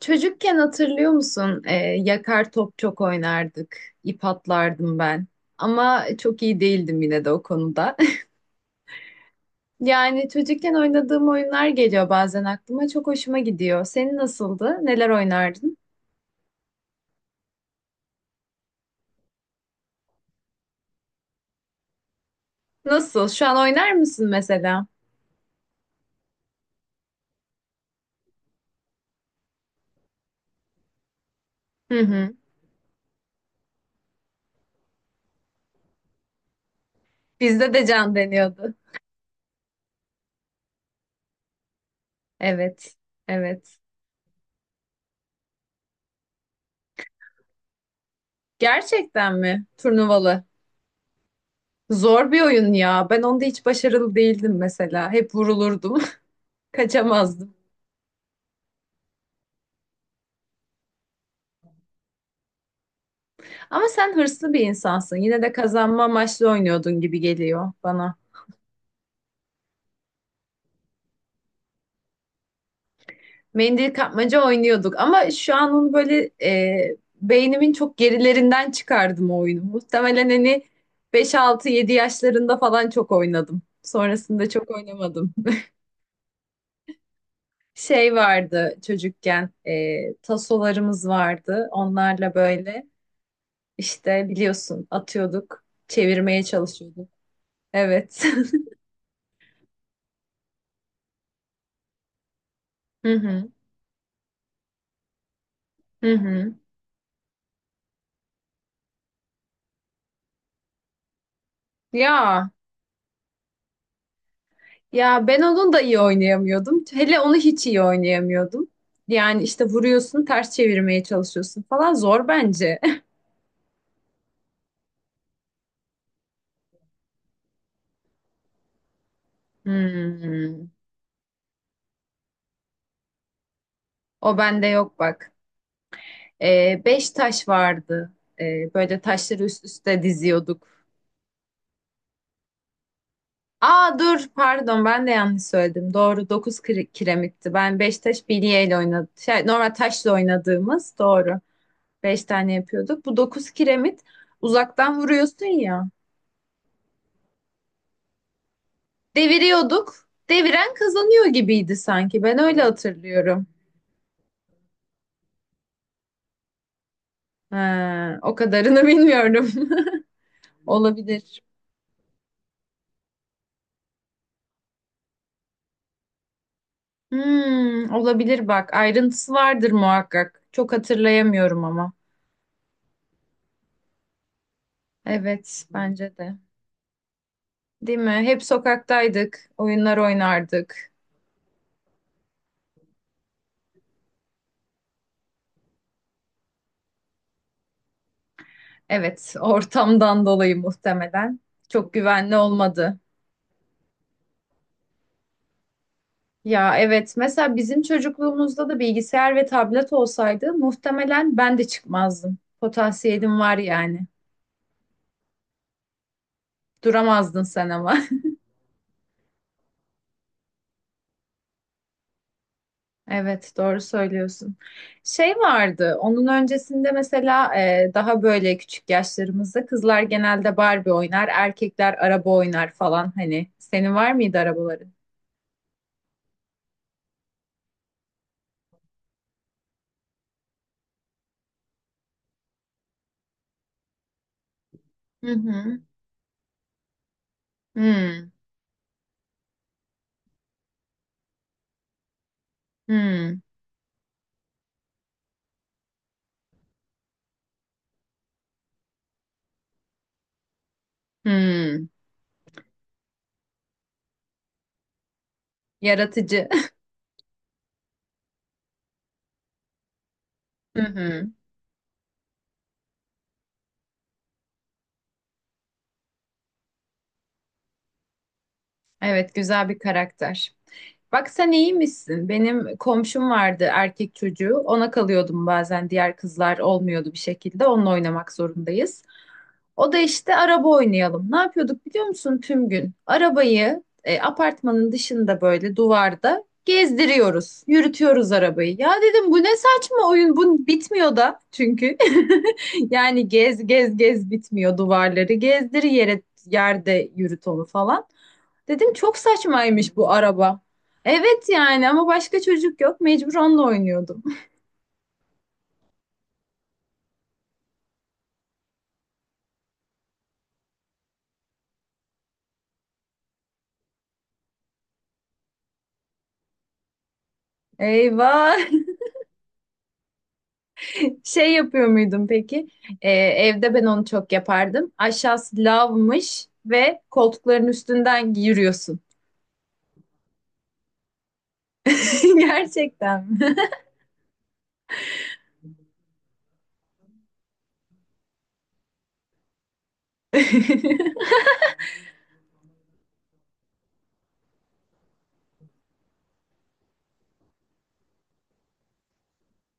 Çocukken hatırlıyor musun? Yakar top çok oynardık. İp atlardım ben. Ama çok iyi değildim yine de o konuda. Yani çocukken oynadığım oyunlar geliyor bazen aklıma. Çok hoşuma gidiyor. Senin nasıldı? Neler oynardın? Nasıl? Şu an oynar mısın mesela? Hı hı. Bizde de can deniyordu. Evet. Evet. Gerçekten mi? Turnuvalı. Zor bir oyun ya. Ben onda hiç başarılı değildim mesela. Hep vurulurdum. Kaçamazdım. Ama sen hırslı bir insansın. Yine de kazanma amaçlı oynuyordun gibi geliyor bana. Mendil kapmaca oynuyorduk ama şu an onu böyle beynimin çok gerilerinden çıkardım o oyunu. Muhtemelen hani 5-6-7 yaşlarında falan çok oynadım. Sonrasında çok oynamadım. Şey vardı çocukken tasolarımız vardı. Onlarla böyle işte biliyorsun atıyorduk, çevirmeye çalışıyorduk. Evet. Hı hı. Hı hı. Ya Ya ben onun da iyi oynayamıyordum. Hele onu hiç iyi oynayamıyordum. Yani işte vuruyorsun, ters çevirmeye çalışıyorsun falan zor bence. Hmm. O bende yok bak. Beş taş vardı. Böyle taşları üst üste diziyorduk. Aa dur pardon ben de yanlış söyledim. Doğru dokuz kiremitti. Ben beş taş bilyeyle oynadım. Şey, normal taşla oynadığımız doğru. Beş tane yapıyorduk. Bu dokuz kiremit uzaktan vuruyorsun ya. Deviriyorduk. Deviren kazanıyor gibiydi sanki. Ben öyle hatırlıyorum. Ha, o kadarını bilmiyorum. Olabilir. Hmm, olabilir bak. Ayrıntısı vardır muhakkak. Çok hatırlayamıyorum ama. Evet, bence de. Değil mi? Hep sokaktaydık. Oyunlar oynardık. Evet, ortamdan dolayı muhtemelen. Çok güvenli olmadı. Ya evet mesela bizim çocukluğumuzda da bilgisayar ve tablet olsaydı muhtemelen ben de çıkmazdım. Potansiyelim var yani. Duramazdın sen ama. Evet doğru söylüyorsun. Şey vardı onun öncesinde mesela daha böyle küçük yaşlarımızda kızlar genelde Barbie oynar, erkekler araba oynar falan hani. Senin var mıydı arabaları? Hı hı. Hmm. Hmm. Hmm. Yaratıcı. Hı hı. Evet güzel bir karakter. Bak sen iyiymişsin. Benim komşum vardı erkek çocuğu. Ona kalıyordum bazen. Diğer kızlar olmuyordu bir şekilde. Onunla oynamak zorundayız. O da işte araba oynayalım. Ne yapıyorduk biliyor musun tüm gün? Arabayı apartmanın dışında böyle duvarda gezdiriyoruz. Yürütüyoruz arabayı. Ya dedim bu ne saçma oyun. Bu bitmiyor da çünkü. Yani gez gez gez bitmiyor duvarları. Gezdir yere yerde yürüt onu falan. Dedim çok saçmaymış bu araba. Evet yani ama başka çocuk yok. Mecbur onunla oynuyordum. Eyvah. Şey yapıyor muydum peki? Evde ben onu çok yapardım. Aşağısı lavmış ve koltukların üstünden yürüyorsun. Gerçekten mi?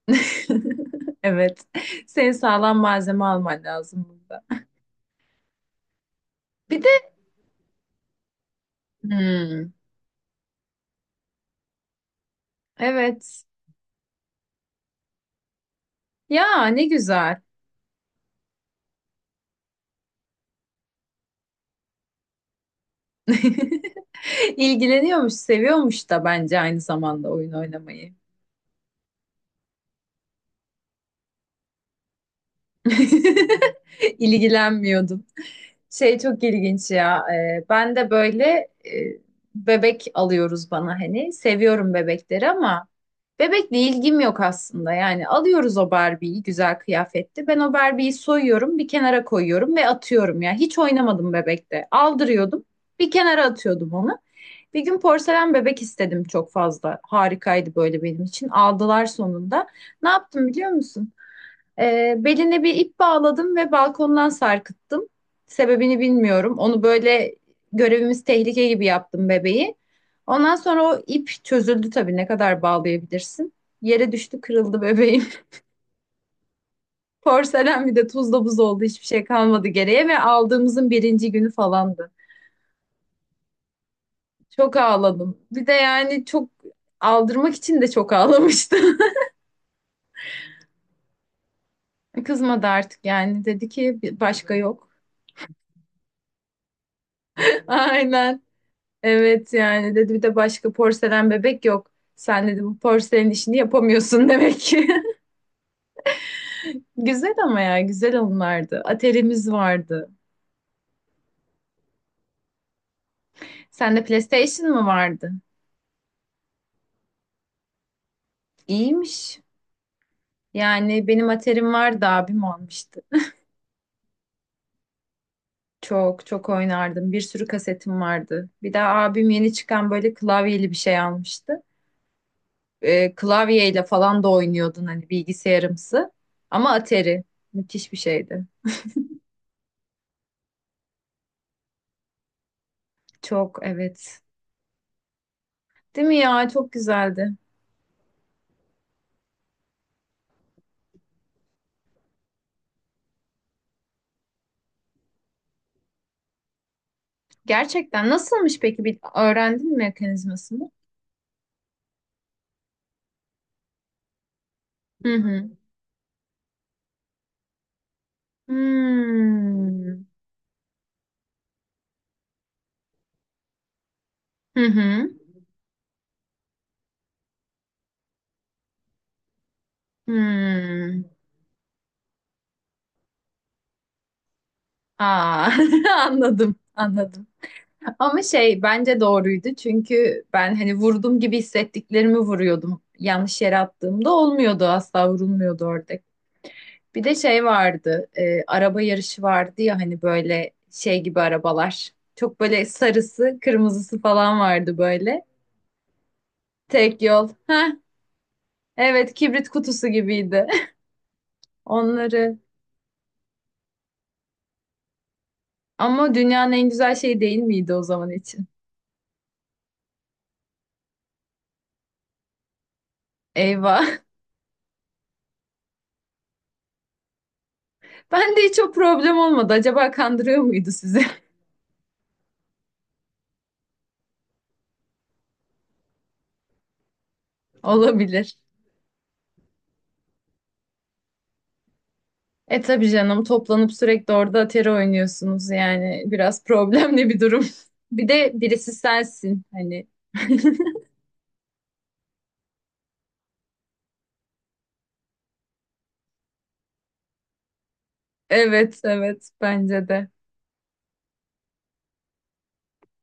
Evet. Senin sağlam malzeme alman lazım burada. Bir de. Hmm, evet. Ya ne güzel. İlgileniyormuş, seviyormuş da bence aynı zamanda oyun oynamayı. İlgilenmiyordum. Şey çok ilginç ya. Ben de böyle e, bebek alıyoruz bana hani. Seviyorum bebekleri ama bebekle ilgim yok aslında. Yani alıyoruz o Barbie'yi güzel kıyafetli. Ben o Barbie'yi soyuyorum, bir kenara koyuyorum ve atıyorum ya. Hiç oynamadım bebekte. Aldırıyordum, bir kenara atıyordum onu. Bir gün porselen bebek istedim çok fazla. Harikaydı böyle benim için. Aldılar sonunda. Ne yaptım biliyor musun? Beline bir ip bağladım ve balkondan sarkıttım. Sebebini bilmiyorum. Onu böyle görevimiz tehlike gibi yaptım bebeği. Ondan sonra o ip çözüldü tabii. Ne kadar bağlayabilirsin? Yere düştü, kırıldı bebeğim. Porselen bir de tuzla buz oldu. Hiçbir şey kalmadı geriye ve aldığımızın birinci günü falandı. Çok ağladım. Bir de yani çok aldırmak için de çok ağlamıştım. Kızmadı artık yani. Dedi ki başka yok. Aynen. Evet yani dedi bir de başka porselen bebek yok. Sen dedi bu porselen işini yapamıyorsun demek ki. Güzel ama ya güzel onlardı. Atari'miz vardı. Sende PlayStation mı vardı? İyiymiş. Yani benim Atari'm vardı abim almıştı. Çok çok oynardım. Bir sürü kasetim vardı. Bir de abim yeni çıkan böyle klavyeli bir şey almıştı. Klavyeyle falan da oynuyordun hani bilgisayarımsı. Ama Atari müthiş bir şeydi. Çok evet. Değil mi ya? Çok güzeldi. Gerçekten nasılmış peki? Bir öğrendin mi mekanizmasını? Hı hı. Hmm. Hı hı. Hmm. Aa, anladım, anladım. Ama şey bence doğruydu çünkü ben hani vurdum gibi hissettiklerimi vuruyordum. Yanlış yere attığımda olmuyordu asla vurulmuyordu orada. Bir de şey vardı, araba yarışı vardı ya hani böyle şey gibi arabalar. Çok böyle sarısı, kırmızısı falan vardı böyle. Tek yol. Heh, evet kibrit kutusu gibiydi. Onları. Ama dünyanın en güzel şeyi değil miydi o zaman için? Eyvah. Ben de hiç o problem olmadı. Acaba kandırıyor muydu sizi? Olabilir. E tabii canım toplanıp sürekli orada atari oynuyorsunuz yani biraz problemli bir durum. Bir de birisi sensin hani. Evet, evet bence de.